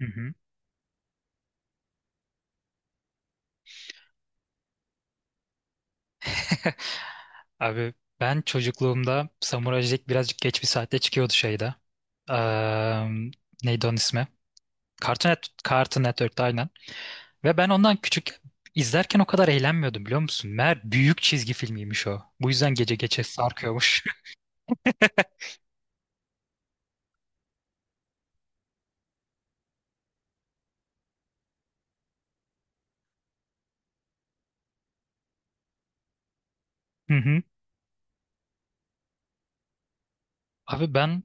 Hı hı. Abi ben çocukluğumda Samurai Jack birazcık geç bir saatte çıkıyordu şeyde. Eee neydi onun ismi? Cartoon Network'te aynen. Ve ben ondan küçük izlerken o kadar eğlenmiyordum biliyor musun? Meğer büyük çizgi filmiymiş o. Bu yüzden gece gece sarkıyormuş. Hı hı. Abi ben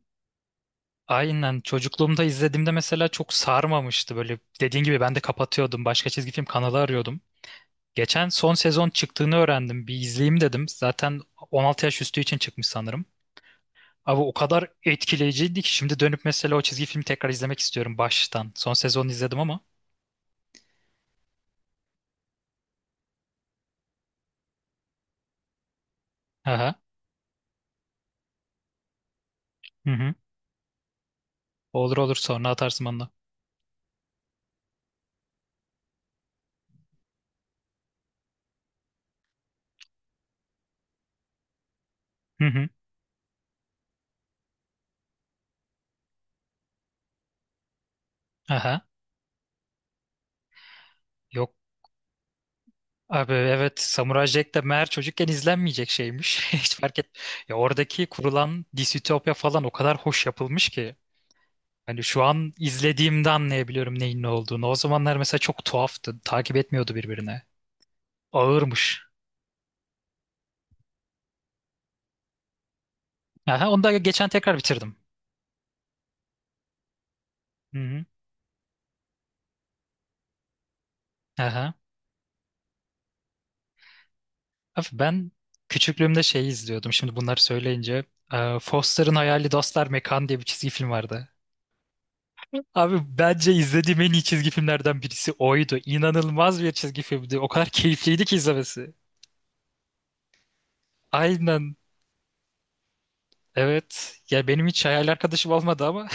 aynen çocukluğumda izlediğimde mesela çok sarmamıştı. Böyle dediğin gibi ben de kapatıyordum. Başka çizgi film kanalı arıyordum. Geçen son sezon çıktığını öğrendim. Bir izleyeyim dedim. Zaten 16 yaş üstü için çıkmış sanırım. Abi o kadar etkileyiciydi ki şimdi dönüp mesela o çizgi filmi tekrar izlemek istiyorum baştan. Son sezonu izledim ama. Aha. Hı hı. Olur olur, sonra atarsın bana. Hı hı. Aha. Yok abi, evet, Samurai Jack de meğer çocukken izlenmeyecek şeymiş. Hiç fark et. Ya oradaki kurulan distopya falan o kadar hoş yapılmış ki. Hani şu an izlediğimde anlayabiliyorum neyin ne olduğunu. O zamanlar mesela çok tuhaftı. Takip etmiyordu birbirine. Ağırmış. Aha, onu da geçen tekrar bitirdim. Hı hı. Aha. Abi ben küçüklüğümde şeyi izliyordum. Şimdi bunları söyleyince. Foster'ın Hayali Dostlar Mekan diye bir çizgi film vardı. Abi bence izlediğim en iyi çizgi filmlerden birisi oydu. İnanılmaz bir çizgi filmdi. O kadar keyifliydi ki izlemesi. Aynen. Evet. Ya benim hiç hayal arkadaşım olmadı ama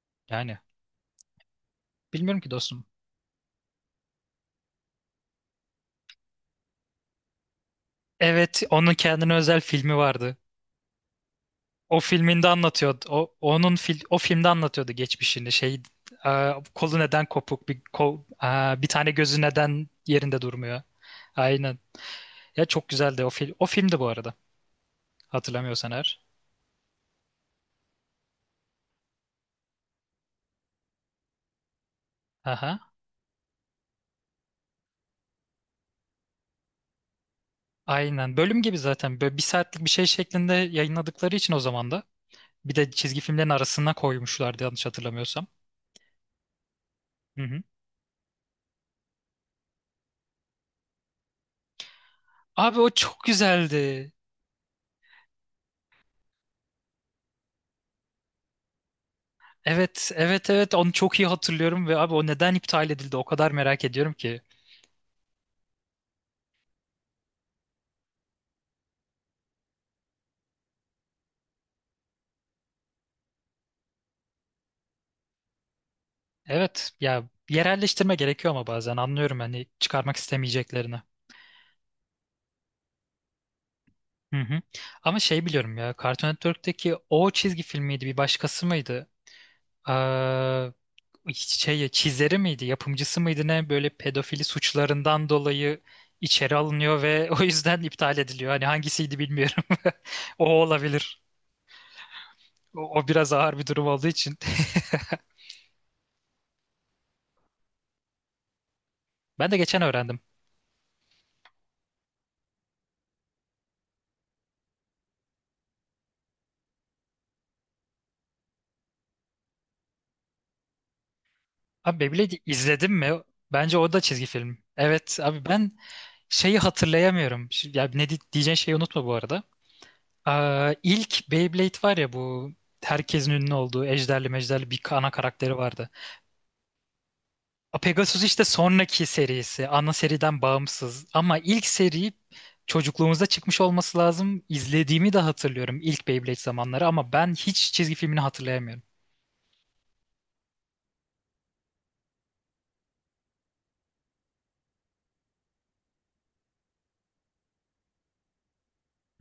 yani bilmiyorum ki dostum. Evet, onun kendine özel filmi vardı. O filminde anlatıyordu. O filmde anlatıyordu geçmişini. Şey, kolu neden kopuk, bir kol, bir tane gözü neden yerinde durmuyor. Aynen. Ya çok güzeldi o film. O filmdi bu arada. Hatırlamıyorsan eğer. Aha. Aynen. Bölüm gibi zaten. Böyle bir saatlik bir şey şeklinde yayınladıkları için o zaman da. Bir de çizgi filmlerin arasına koymuşlardı yanlış hatırlamıyorsam. Hı hı. Abi o çok güzeldi. Evet, evet, evet. Onu çok iyi hatırlıyorum ve abi o neden iptal edildi o kadar merak ediyorum ki. Evet, ya yerelleştirme gerekiyor ama bazen anlıyorum hani çıkarmak istemeyeceklerini. Hı hı. Ama şey biliyorum ya, Cartoon Network'teki o çizgi filmiydi bir başkası mıydı? Ee, şey çizeri miydi, yapımcısı mıydı ne, böyle pedofili suçlarından dolayı içeri alınıyor ve o yüzden iptal ediliyor. Hani hangisiydi bilmiyorum. O olabilir. O, o biraz ağır bir durum olduğu için. Ben de geçen öğrendim. Abi Beyblade'i izledim mi? Bence o da çizgi film. Evet abi ben şeyi hatırlayamıyorum. Ya ne diyeceğin şeyi unutma bu arada. Aa, ilk Beyblade var ya, bu herkesin ünlü olduğu ejderli mejderli bir ana karakteri vardı. Pegasus işte sonraki serisi. Ana seriden bağımsız. Ama ilk seri çocukluğumuzda çıkmış olması lazım. İzlediğimi de hatırlıyorum ilk Beyblade zamanları ama ben hiç çizgi filmini hatırlayamıyorum.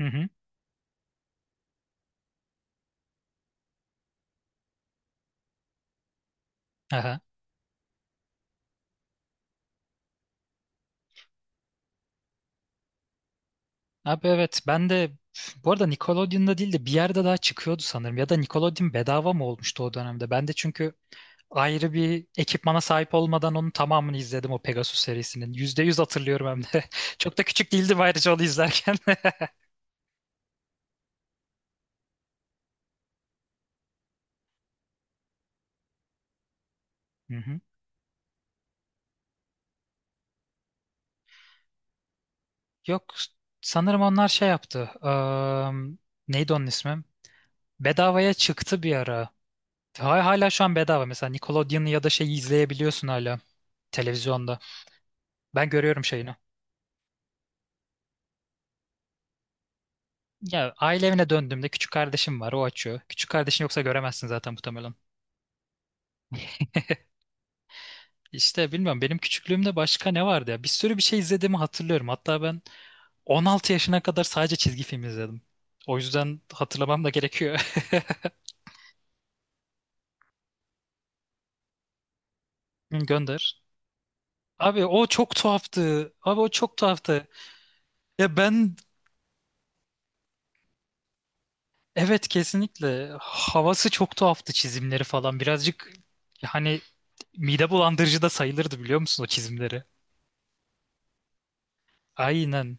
Hı hı. Aha. Abi evet, ben de bu arada Nickelodeon'da değil de bir yerde daha çıkıyordu sanırım. Ya da Nickelodeon bedava mı olmuştu o dönemde? Ben de çünkü ayrı bir ekipmana sahip olmadan onun tamamını izledim o Pegasus serisinin. %100 hatırlıyorum hem de. Çok da küçük değildim ayrıca onu izlerken. Hı hı. Yok sanırım onlar şey yaptı. Neydi onun ismi? Bedavaya çıktı bir ara. Hala şu an bedava. Mesela Nickelodeon ya da şeyi izleyebiliyorsun hala televizyonda. Ben görüyorum şeyini. Ya aile evine döndüğümde küçük kardeşim var, o açıyor. Küçük kardeşin yoksa göremezsin zaten muhtemelen. İşte bilmiyorum benim küçüklüğümde başka ne vardı ya. Bir sürü bir şey izlediğimi hatırlıyorum. Hatta ben 16 yaşına kadar sadece çizgi film izledim. O yüzden hatırlamam da gerekiyor. Gönder. Abi o çok tuhaftı. Abi o çok tuhaftı. Ya ben, evet, kesinlikle havası çok tuhaftı, çizimleri falan. Birazcık hani mide bulandırıcı da sayılırdı biliyor musun o çizimleri? Aynen.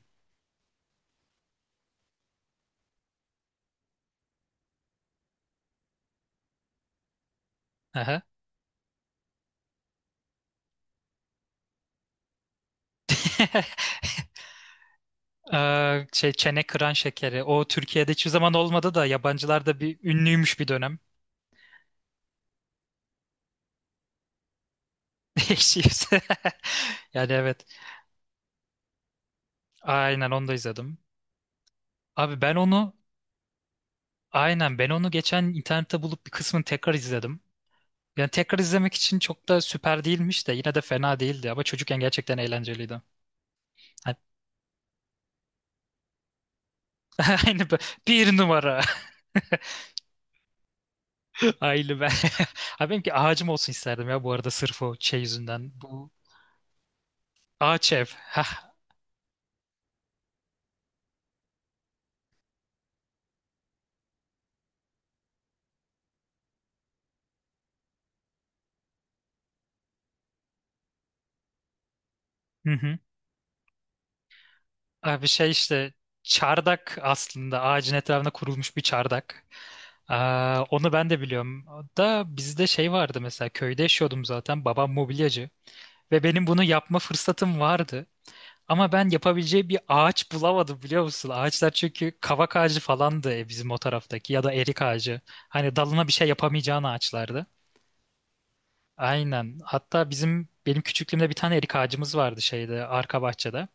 Aha. Şey çene kıran şekeri. O Türkiye'de hiçbir zaman olmadı da yabancılarda bir ünlüymüş bir dönem. Eşiyse. Yani evet. Aynen, onu da izledim. Abi ben onu aynen ben onu geçen internette bulup bir kısmını tekrar izledim. Yani tekrar izlemek için çok da süper değilmiş de yine de fena değildi ama çocukken gerçekten eğlenceliydi. Hani- Aynı bu- bir numara aile ben. Abi benimki ağacım olsun isterdim ya bu arada sırf o şey yüzünden. Bu ağaç ev. Hah. Hı hı. Abi şey işte çardak, aslında ağacın etrafına kurulmuş bir çardak. Aa, onu ben de biliyorum. Da bizde şey vardı, mesela köyde yaşıyordum, zaten babam mobilyacı ve benim bunu yapma fırsatım vardı. Ama ben yapabileceği bir ağaç bulamadım biliyor musun? Ağaçlar çünkü kavak ağacı falandı bizim o taraftaki, ya da erik ağacı. Hani dalına bir şey yapamayacağın ağaçlardı. Aynen. Hatta bizim, benim küçüklüğümde bir tane erik ağacımız vardı şeyde, arka bahçede.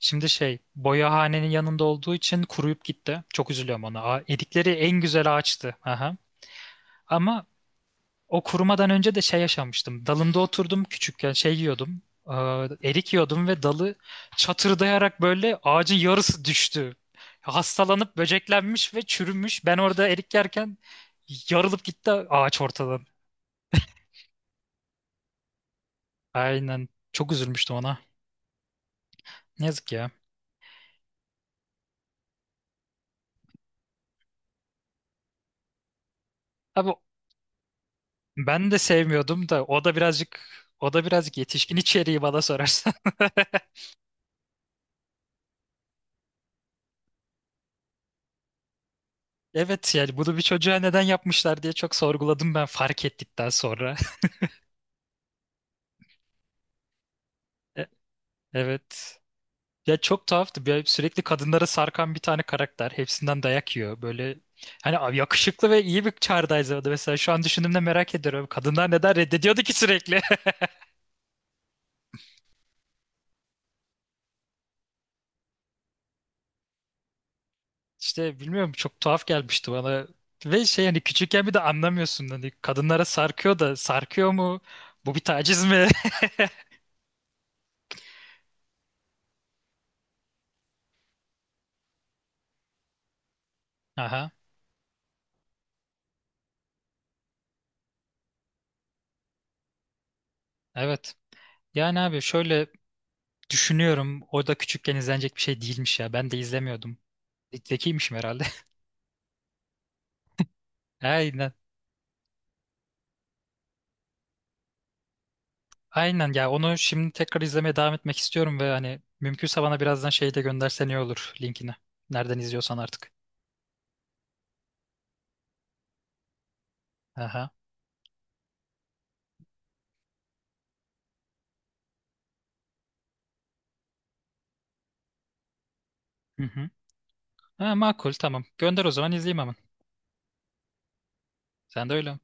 Şimdi şey boyahanenin yanında olduğu için kuruyup gitti. Çok üzülüyorum ona. Erikleri en güzel ağaçtı. Aha. Ama o kurumadan önce de şey yaşamıştım. Dalında oturdum küçükken, şey yiyordum. Ee, Erik yiyordum ve dalı çatırdayarak böyle ağacın yarısı düştü. Hastalanıp böceklenmiş ve çürümüş. Ben orada erik yerken yarılıp gitti ağaç ortadan. Aynen. Çok üzülmüştüm ona. Ne yazık ya. Abi ben de sevmiyordum da o da birazcık yetişkin içeriği bana sorarsan. Evet yani bunu bir çocuğa neden yapmışlar diye çok sorguladım ben fark ettikten sonra. E- Evet. Ya çok tuhaftı. Sürekli kadınlara sarkan bir tane karakter. Hepsinden dayak yiyor. Böyle hani abi yakışıklı ve iyi bir çağrıdayız orada. Mesela şu an düşündüğümde merak ediyorum. Kadınlar neden reddediyordu ki sürekli? İşte bilmiyorum, çok tuhaf gelmişti bana. Ve şey hani küçükken bir de anlamıyorsun. Hani kadınlara sarkıyor da sarkıyor mu? Bu bir taciz mi? Aha, evet. Yani abi şöyle düşünüyorum. O da küçükken izlenecek bir şey değilmiş ya. Ben de izlemiyordum. Zekiymişim herhalde. Aynen. Aynen ya, onu şimdi tekrar izlemeye devam etmek istiyorum ve hani mümkünse bana birazdan şeyi de göndersen iyi olur, linkini. Nereden izliyorsan artık. Aha. Hı hı. Ha, makul, tamam. Gönder o zaman, izleyeyim hemen. Sen de öyle.